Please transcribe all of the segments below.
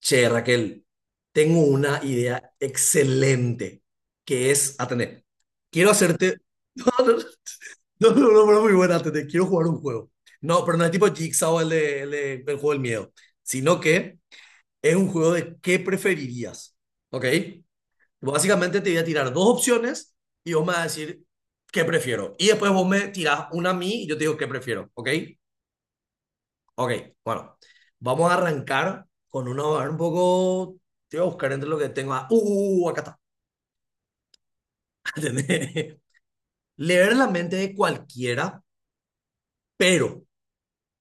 Che, Raquel, tengo una idea excelente que es, atender. Quiero hacerte... No, no, no, no, no, no, muy buena, atender. Quiero jugar un juego. No, pero no es tipo Jigsaw el juego del miedo, sino que es un juego de qué preferirías, ¿ok? Básicamente te voy a tirar dos opciones y vos me vas a decir qué prefiero. Y después vos me tirás una a mí y yo te digo qué prefiero, ¿ok? Ok, bueno, vamos a arrancar con una hoja un poco. Te voy a buscar entre lo que tengo. Ah, acá está. ¿Entendés? Leer la mente de cualquiera, pero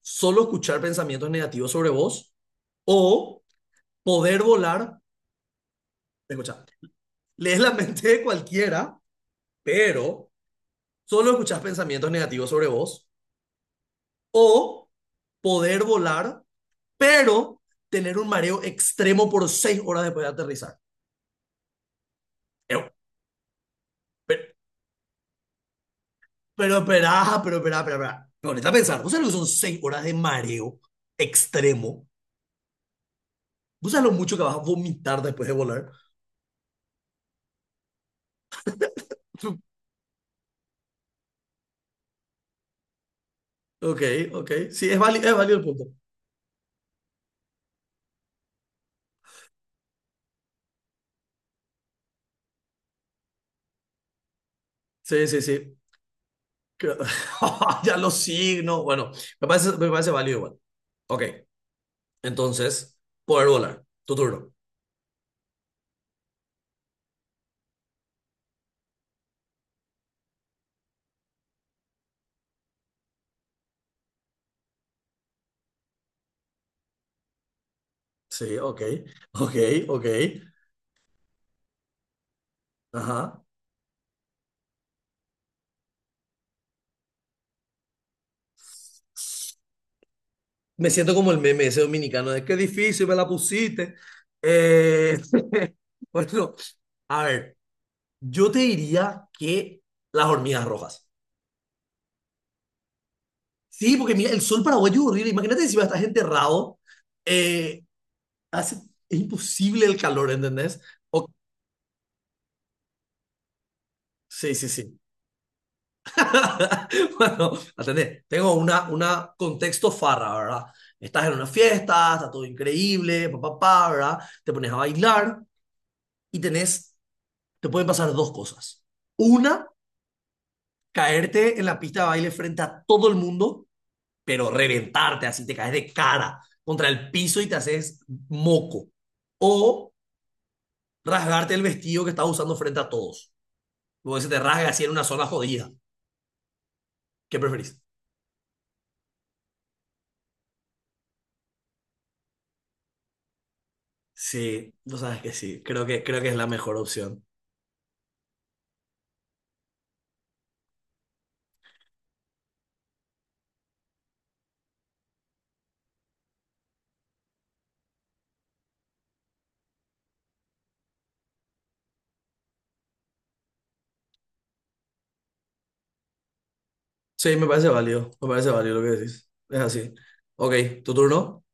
solo escuchar pensamientos negativos sobre vos o poder volar. Escucha, lees la mente de cualquiera, pero solo escuchas pensamientos negativos sobre vos o poder volar, pero tener un mareo extremo por seis horas después de aterrizar. Eh, pero, pero perá, pero perá, pero perá. Ponete a pensar, ¿vos sabés lo que son seis horas de mareo extremo? ¿Vos sabés lo mucho que vas a vomitar después de volar? Ok, ok. Sí, es válido el punto. Sí, sí, sí. Que- ya los signos. Bueno, me parece válido igual. Ok, entonces, poder volar. Tu turno. Sí, ok, ok, ok. Ajá. Me siento como el meme ese dominicano de qué difícil me la pusiste. Eh, bueno, a ver. Yo te diría que las hormigas rojas. Sí, porque mira, el sol paraguayo es horrible. Imagínate si va a estar enterrado. eh, hace, es imposible el calor, ¿entendés? O- sí, sí, sí. Bueno, atendé. Tengo una contexto farra, ¿verdad? Estás en una fiesta, está todo increíble, papá, pa, pa, pa, ¿verdad? Te pones a bailar y tenés, te pueden pasar dos cosas. Una, caerte en la pista de baile frente a todo el mundo pero reventarte, así te caes de cara contra el piso y te haces moco. O rasgarte el vestido que estabas usando frente a todos. Luego se te rasga así en una zona jodida. ¿Qué preferís? Sí, tú sabes que sí. Creo que es la mejor opción. Sí, me parece válido lo que decís. Es así. Ok, tu turno,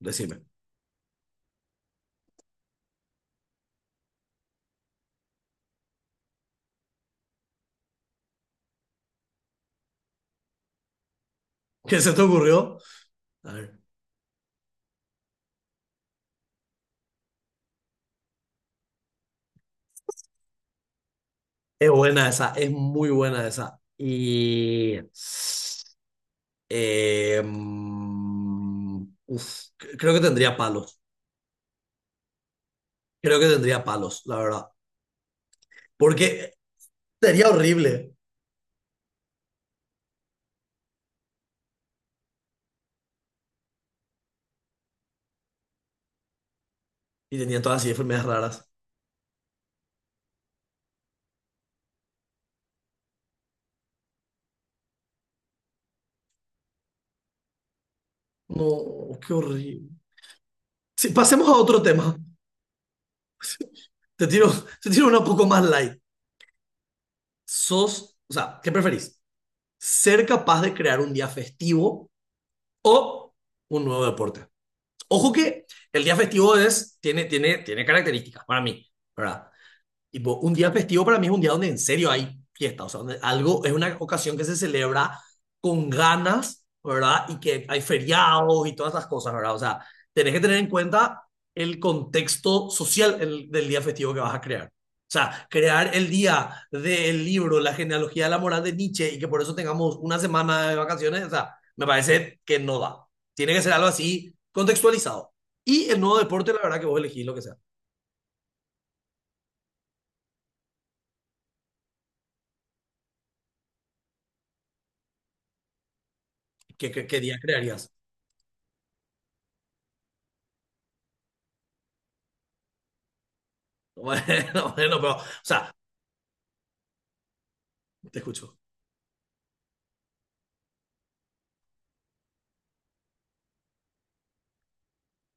decime. ¿Qué se te ocurrió? A ver, es buena esa, es muy buena esa. Y... Eh, mm, uf, creo que tendría palos. Creo que tendría palos, la verdad. Porque sería horrible. Y tenía todas así enfermedades raras. No, qué horrible. Sí, pasemos a otro tema. Te tiro, te tiro una poco más light. Sos, o sea, ¿qué preferís? ¿Ser capaz de crear un día festivo o un nuevo deporte? Ojo que el día festivo es, tiene características para mí, ¿verdad? Tipo, un día festivo para mí es un día donde en serio hay fiesta, o sea, donde algo es una ocasión que se celebra con ganas, ¿verdad? Y que hay feriados y todas esas cosas, ¿verdad? O sea, tenés que tener en cuenta el contexto social del día festivo que vas a crear. O sea, crear el día del libro, la genealogía de la moral de Nietzsche y que por eso tengamos una semana de vacaciones, o sea, me parece que no da. Tiene que ser algo así contextualizado. Y el nuevo deporte, la verdad que vos elegís lo que sea. ¿Qué día crearías? Bueno, bueno, pero, o sea, te escucho.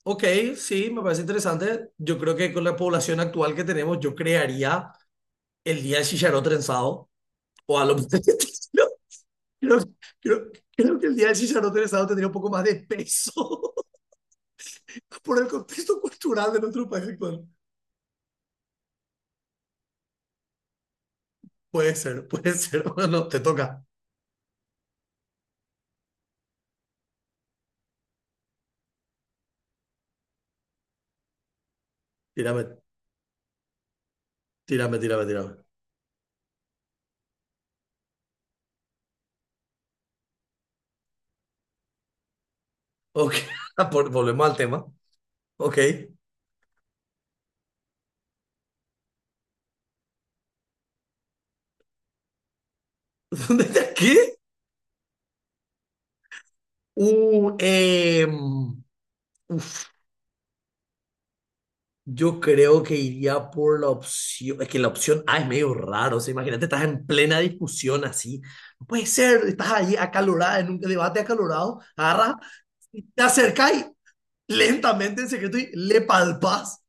Ok, sí, me parece interesante. Yo creo que con la población actual que tenemos, yo crearía el día del chicharrón trenzado, o a lo mejor creo, creo- creo que el día del chicharrón trenzado tendría un poco más de peso por el contexto cultural de nuestro país actual. Puede ser, puede ser. Bueno, te toca. Tírame, tírame, tírame, tírame. Ok, por- volvemos al tema. Ok. ¿Dónde está? ¿Qué? Uh, eh, Yo creo que iría por la opción, es que la opción A es medio raro, o sea, imagínate, estás en plena discusión así, no puede ser, estás ahí acalorada, en un debate acalorado, agarras, te acercás y lentamente en secreto y le palpas,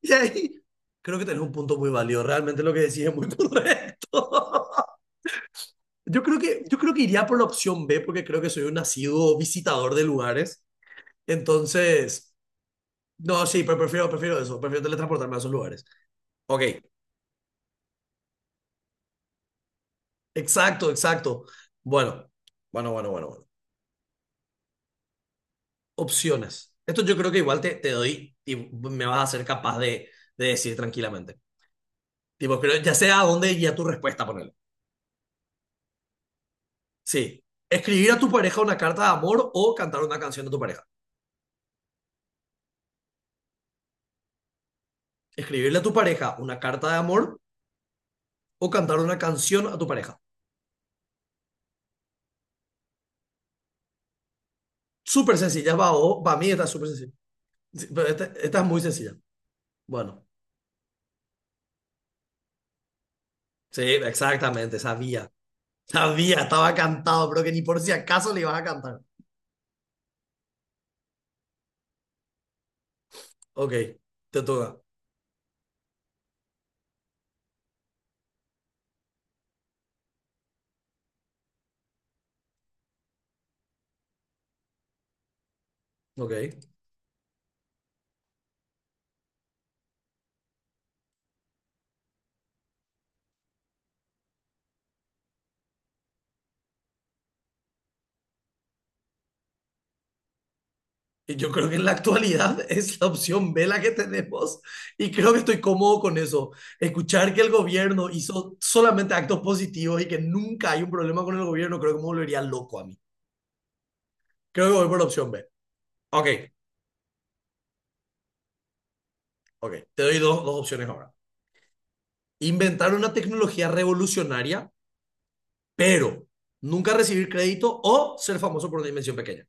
y ahí creo que tenés un punto muy válido, realmente lo que decís es muy correcto. Yo creo que iría por la opción B, porque creo que soy un nacido visitador de lugares, entonces, no, sí, pero prefiero, prefiero eso, prefiero teletransportarme a esos lugares. Ok. Exacto, exacto. Bueno, bueno, bueno, bueno, bueno. Opciones. Esto yo creo que igual te, te doy y me vas a ser capaz de decir tranquilamente. Tipo, creo, ya sea a dónde guía tu respuesta, ponele. Sí. Escribir a tu pareja una carta de amor o cantar una canción a tu pareja. Escribirle a tu pareja una carta de amor o cantar una canción a tu pareja. Súper sencilla, va, o- para mí está súper sencilla. Sí, pero esta es muy sencilla. Bueno, sí, exactamente, sabía. Sabía, estaba cantado, pero que ni por si acaso le ibas a cantar. Ok, te toca. Ok. Y yo creo que en la actualidad es la opción B la que tenemos y creo que estoy cómodo con eso. Escuchar que el gobierno hizo solamente actos positivos y que nunca hay un problema con el gobierno, creo que me volvería loco a mí. Creo que voy por la opción B. Ok, ok. Te doy dos opciones ahora. Inventar una tecnología revolucionaria, pero nunca recibir crédito o ser famoso por una invención pequeña.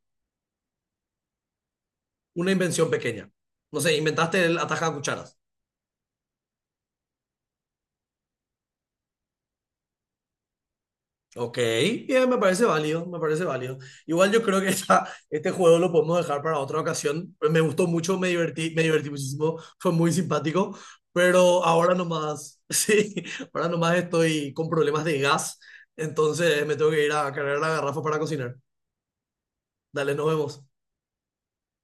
Una invención pequeña. No sé, inventaste el ataja de cucharas. Ok, bien, me parece válido, me parece válido. Igual yo creo que esta- este juego lo podemos dejar para otra ocasión. Me gustó mucho, me divertí muchísimo, fue muy simpático, pero ahora nomás, sí, ahora nomás estoy con problemas de gas, entonces me tengo que ir a cargar la garrafa para cocinar. Dale, nos vemos.